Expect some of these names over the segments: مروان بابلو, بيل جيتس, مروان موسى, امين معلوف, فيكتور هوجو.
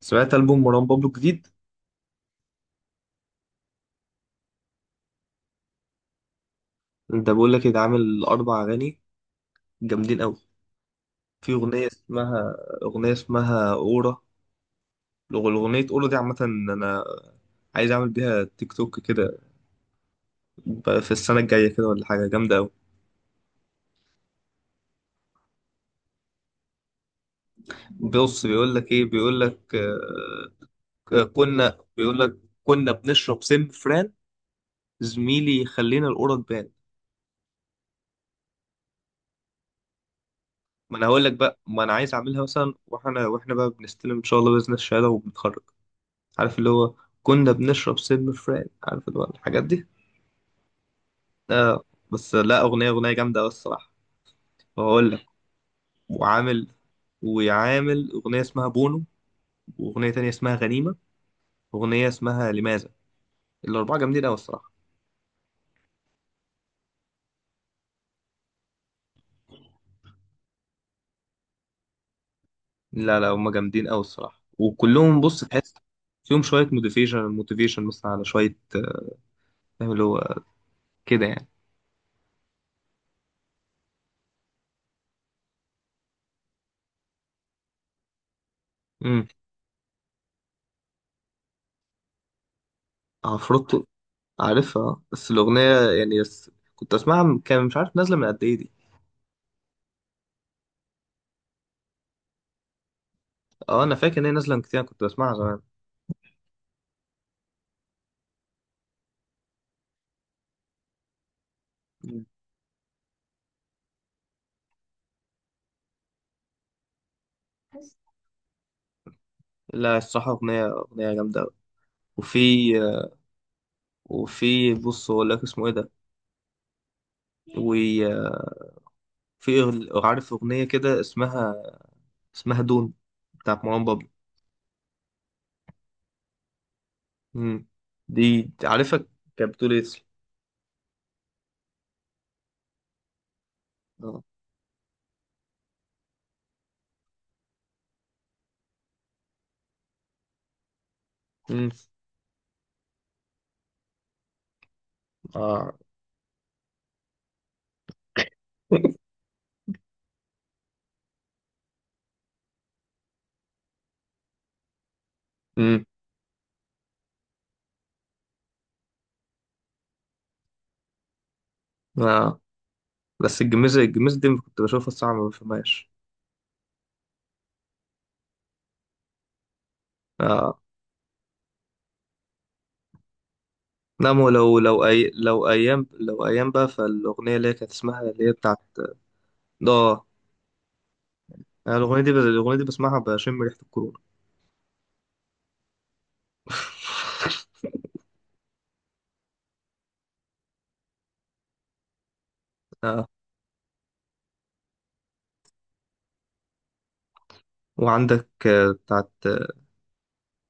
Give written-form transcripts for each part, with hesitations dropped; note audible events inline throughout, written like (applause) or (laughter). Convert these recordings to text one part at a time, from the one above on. سمعت ألبوم مروان بابلو الجديد. ده بقول لك ده عامل أربع أغاني جامدين أوي. في أغنية اسمها أورا. الأغنية أورا دي عامة. أنا عايز أعمل بيها تيك توك كده، في السنة الجاية كده ولا حاجة جامدة أوي. بص بيقول لك إيه، بيقول لك آه، كنا بيقول لك كنا بنشرب سم فران زميلي، خلينا الأورا تبان. ما أنا هقول لك بقى، ما أنا عايز أعملها مثلا، وإحنا بقى بنستلم إن شاء الله بإذن الشهادة وبنتخرج، عارف اللي هو كنا بنشرب سم فران، عارف اللي هو الحاجات دي. آه. بس لا، أغنية جامدة أوي الصراحة. وهقول لك. وعامل وعامل أغنية اسمها بونو، وأغنية تانية اسمها غنيمة، وأغنية اسمها لماذا. الأربعة جامدين أوي الصراحة. لا لا، هما جامدين أوي الصراحة، وكلهم، بص، تحس فيهم شوية موتيفيشن، مثلا، على شوية فاهم اللي هو، كده يعني. امم. عفروتو، عارفها. بس الأغنية يعني، بس كان مش عارف نازلة من قد إيه دي. اه، انا فاكر ان هي نازله من كتير، أنا كنت بسمعها زمان. مم. بس لا، الصراحة أغنية جامدة أوي. وفي وفي بص أقول لك اسمه إيه ده. وفي عارف أغنية كده اسمها، اسمها دون بتاعت مروان بابلو. مم. دي عارفك كانت بتقول إيه. آه. مم. آه. مم. آه. بس الجميزة، دي كنت بشوفها الساعة ما بفهمهاش. آه. نعم، لو أيام بقى، فالأغنية اللي هي كانت اسمها، اللي هي بتاعت آه، أنا الأغنية دي، بسمعها بشم ريحة الكورونا. اه. وعندك بتاعت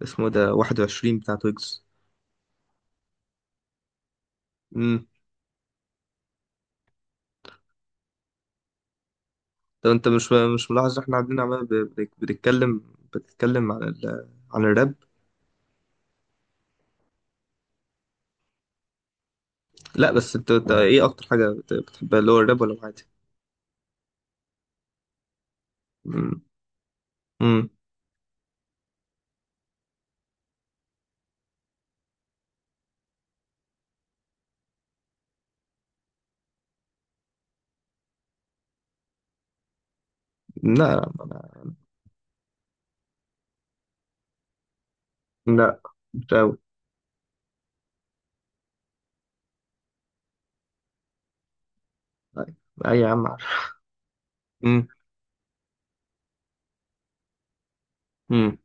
اسمه ده 21 بتاعت ويجز. امم. لو انت مش ملاحظ احنا قاعدين عمال، بنتكلم، بتتكلم عن عن الراب. لا بس انت، ايه اكتر حاجة بتحبها، اللي هو الراب ولا العادي. امم. امم. لا، لا مش قوي. اي يا عم عارف. امم. امم.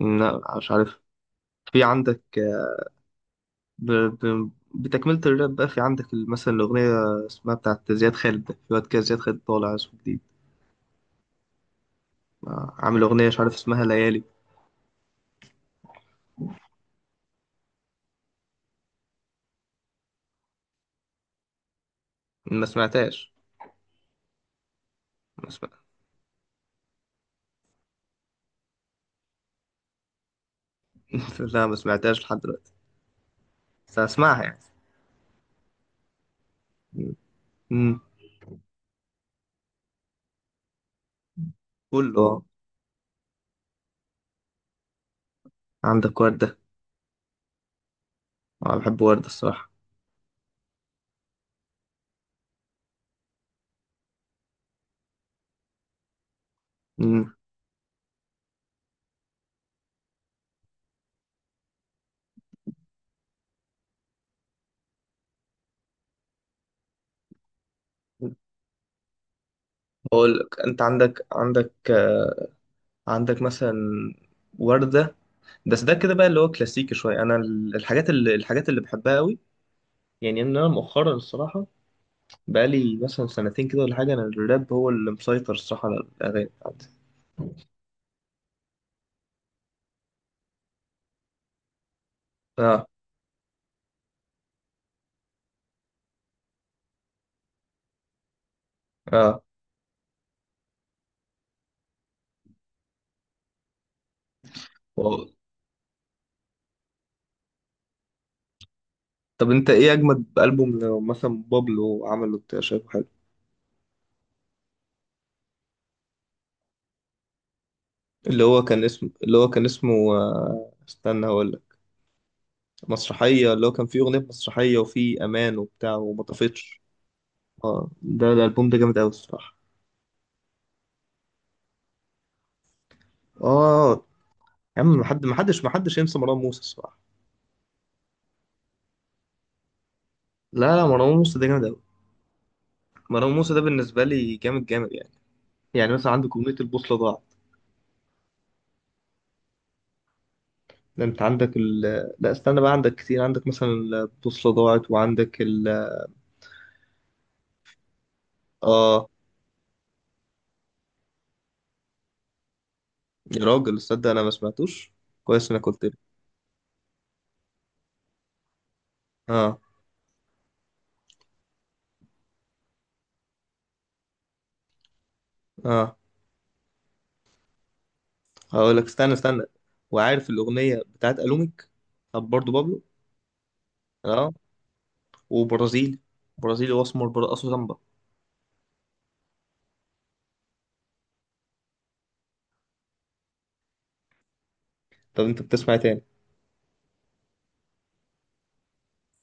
لا مش عارف. في عندك بتكملة الراب بقى في عندك مثلا الأغنية اسمها بتاعت زياد خالد، ده في واد كده زياد خالد طالع اسمه جديد. عامل أغنية مش عارف اسمها ليالي. ما سمعتهاش. ما سمع... (laughs) لا، ما سمعتهاش لحد دلوقتي، بس هسمعها يعني. امم. قول له عندك وردة. أنا بحب وردة الصراحة. امم. بقول لك أنت، عندك عندك مثلا وردة، بس ده كده بقى، اللي هو كلاسيكي شوية. أنا الحاجات اللي بحبها قوي، يعني إن أنا مؤخرا الصراحة بقالي مثلا سنتين كده ولا حاجة، أنا الراب هو اللي مسيطر الصراحة على الأغاني بتاعتي. اه. اه. طب انت ايه اجمد البوم لو مثلا بابلو عمله انت شايفه حلو. اللي هو كان اسمه استنى هقول لك. مسرحيه، اللي هو كان فيه اغنيه مسرحيه وفيه امان وبتاع وما طفتش. اه، ده الالبوم ده جامد قوي الصراحه. اه. يا عم، محدش ينسى مروان موسى الصراحه. لا لا، مروان موسى ده جامد قوي. مروان موسى ده بالنسبه لي جامد جامد يعني. يعني مثلا عندك اغنيه البوصله ضاعت. ده انت عندك ال... لا استنى بقى، عندك كتير، عندك مثلا البوصله ضاعت وعندك اه. يا راجل تصدق انا ما سمعتوش، كويس انك قلت لي. اه. اه. هقول لك، استنى وعارف الاغنيه بتاعت الوميك. طب برضو بابلو. اه. وبرازيلي، واسمر برقص سامبا. طب انت بتسمع إيه تاني.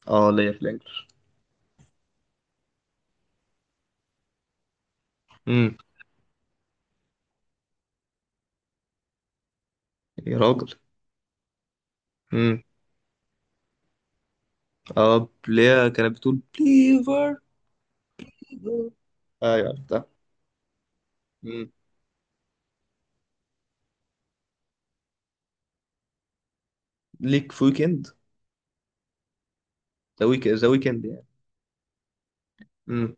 اه ليا في الانجليش. امم. يا راجل. امم. اه ليا كانت بتقول بليفر. ايوه عرفتها. امم. ليك في ويكند. ذا ويكند يعني. امم.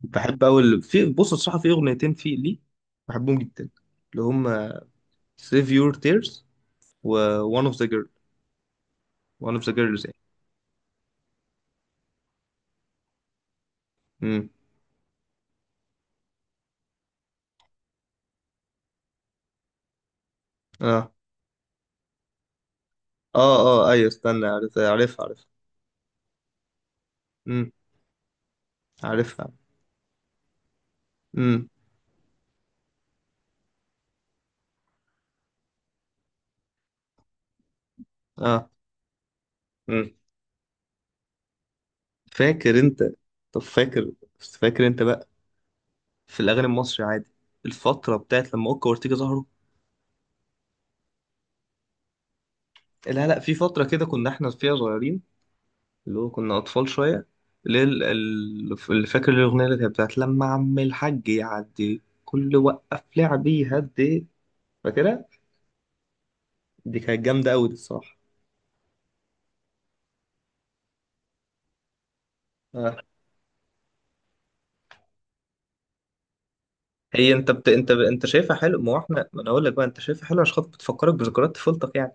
بحب اول، في بص الصراحه في اغنيتين في ليه بحبهم جدا، اللي هم سيف يور تيرز، وون اوف ذا جيرل، وان اوف ذا جيرلز يعني. امم. اه. اه. اه ايوه استنى، عارف، عارفها. امم. عارفها. امم. اه. امم. فاكر انت، طب فاكر فاكر انت بقى في الاغاني المصري عادي الفتره بتاعت لما اوكا وارتيجا ظهروا. لا لا، في فتره كده كنا احنا فيها صغيرين، اللي هو كنا اطفال شويه، اللي هي اللي فاكر الاغنيه اللي كانت بتاعت لما عم الحاج يعدي كل وقف لعبي هدي. فاكرها. دي كانت جامده قوي دي الصراحه. آه. هي انت انت شايفها حلو. ما هو احنا، ما انا اقول لك بقى، انت شايفها حلو عشان خاطر بتفكرك بذكريات طفولتك يعني.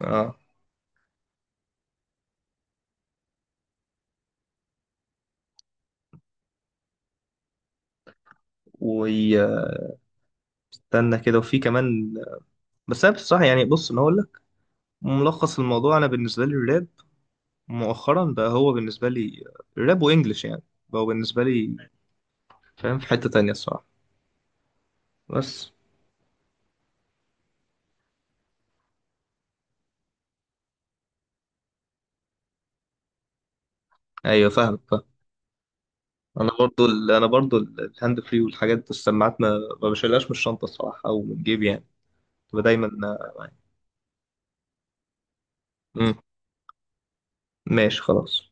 اه. واستنى كده، وفي كمان، بس انا بصراحه يعني، بص انا اقول لك ملخص الموضوع، انا بالنسبه لي الراب مؤخرا بقى، هو بالنسبه لي الراب وانجلش يعني، بقى بالنسبه لي، فاهم، في حته تانية الصراحه بس. ايوه فاهمك فاهم. انا برضو انا برضو الهاند فري والحاجات السماعات، ما بشيلهاش من الشنطه الصراحه او من جيبي يعني، بتبقى دايما معايا. مم. ماشي خلاص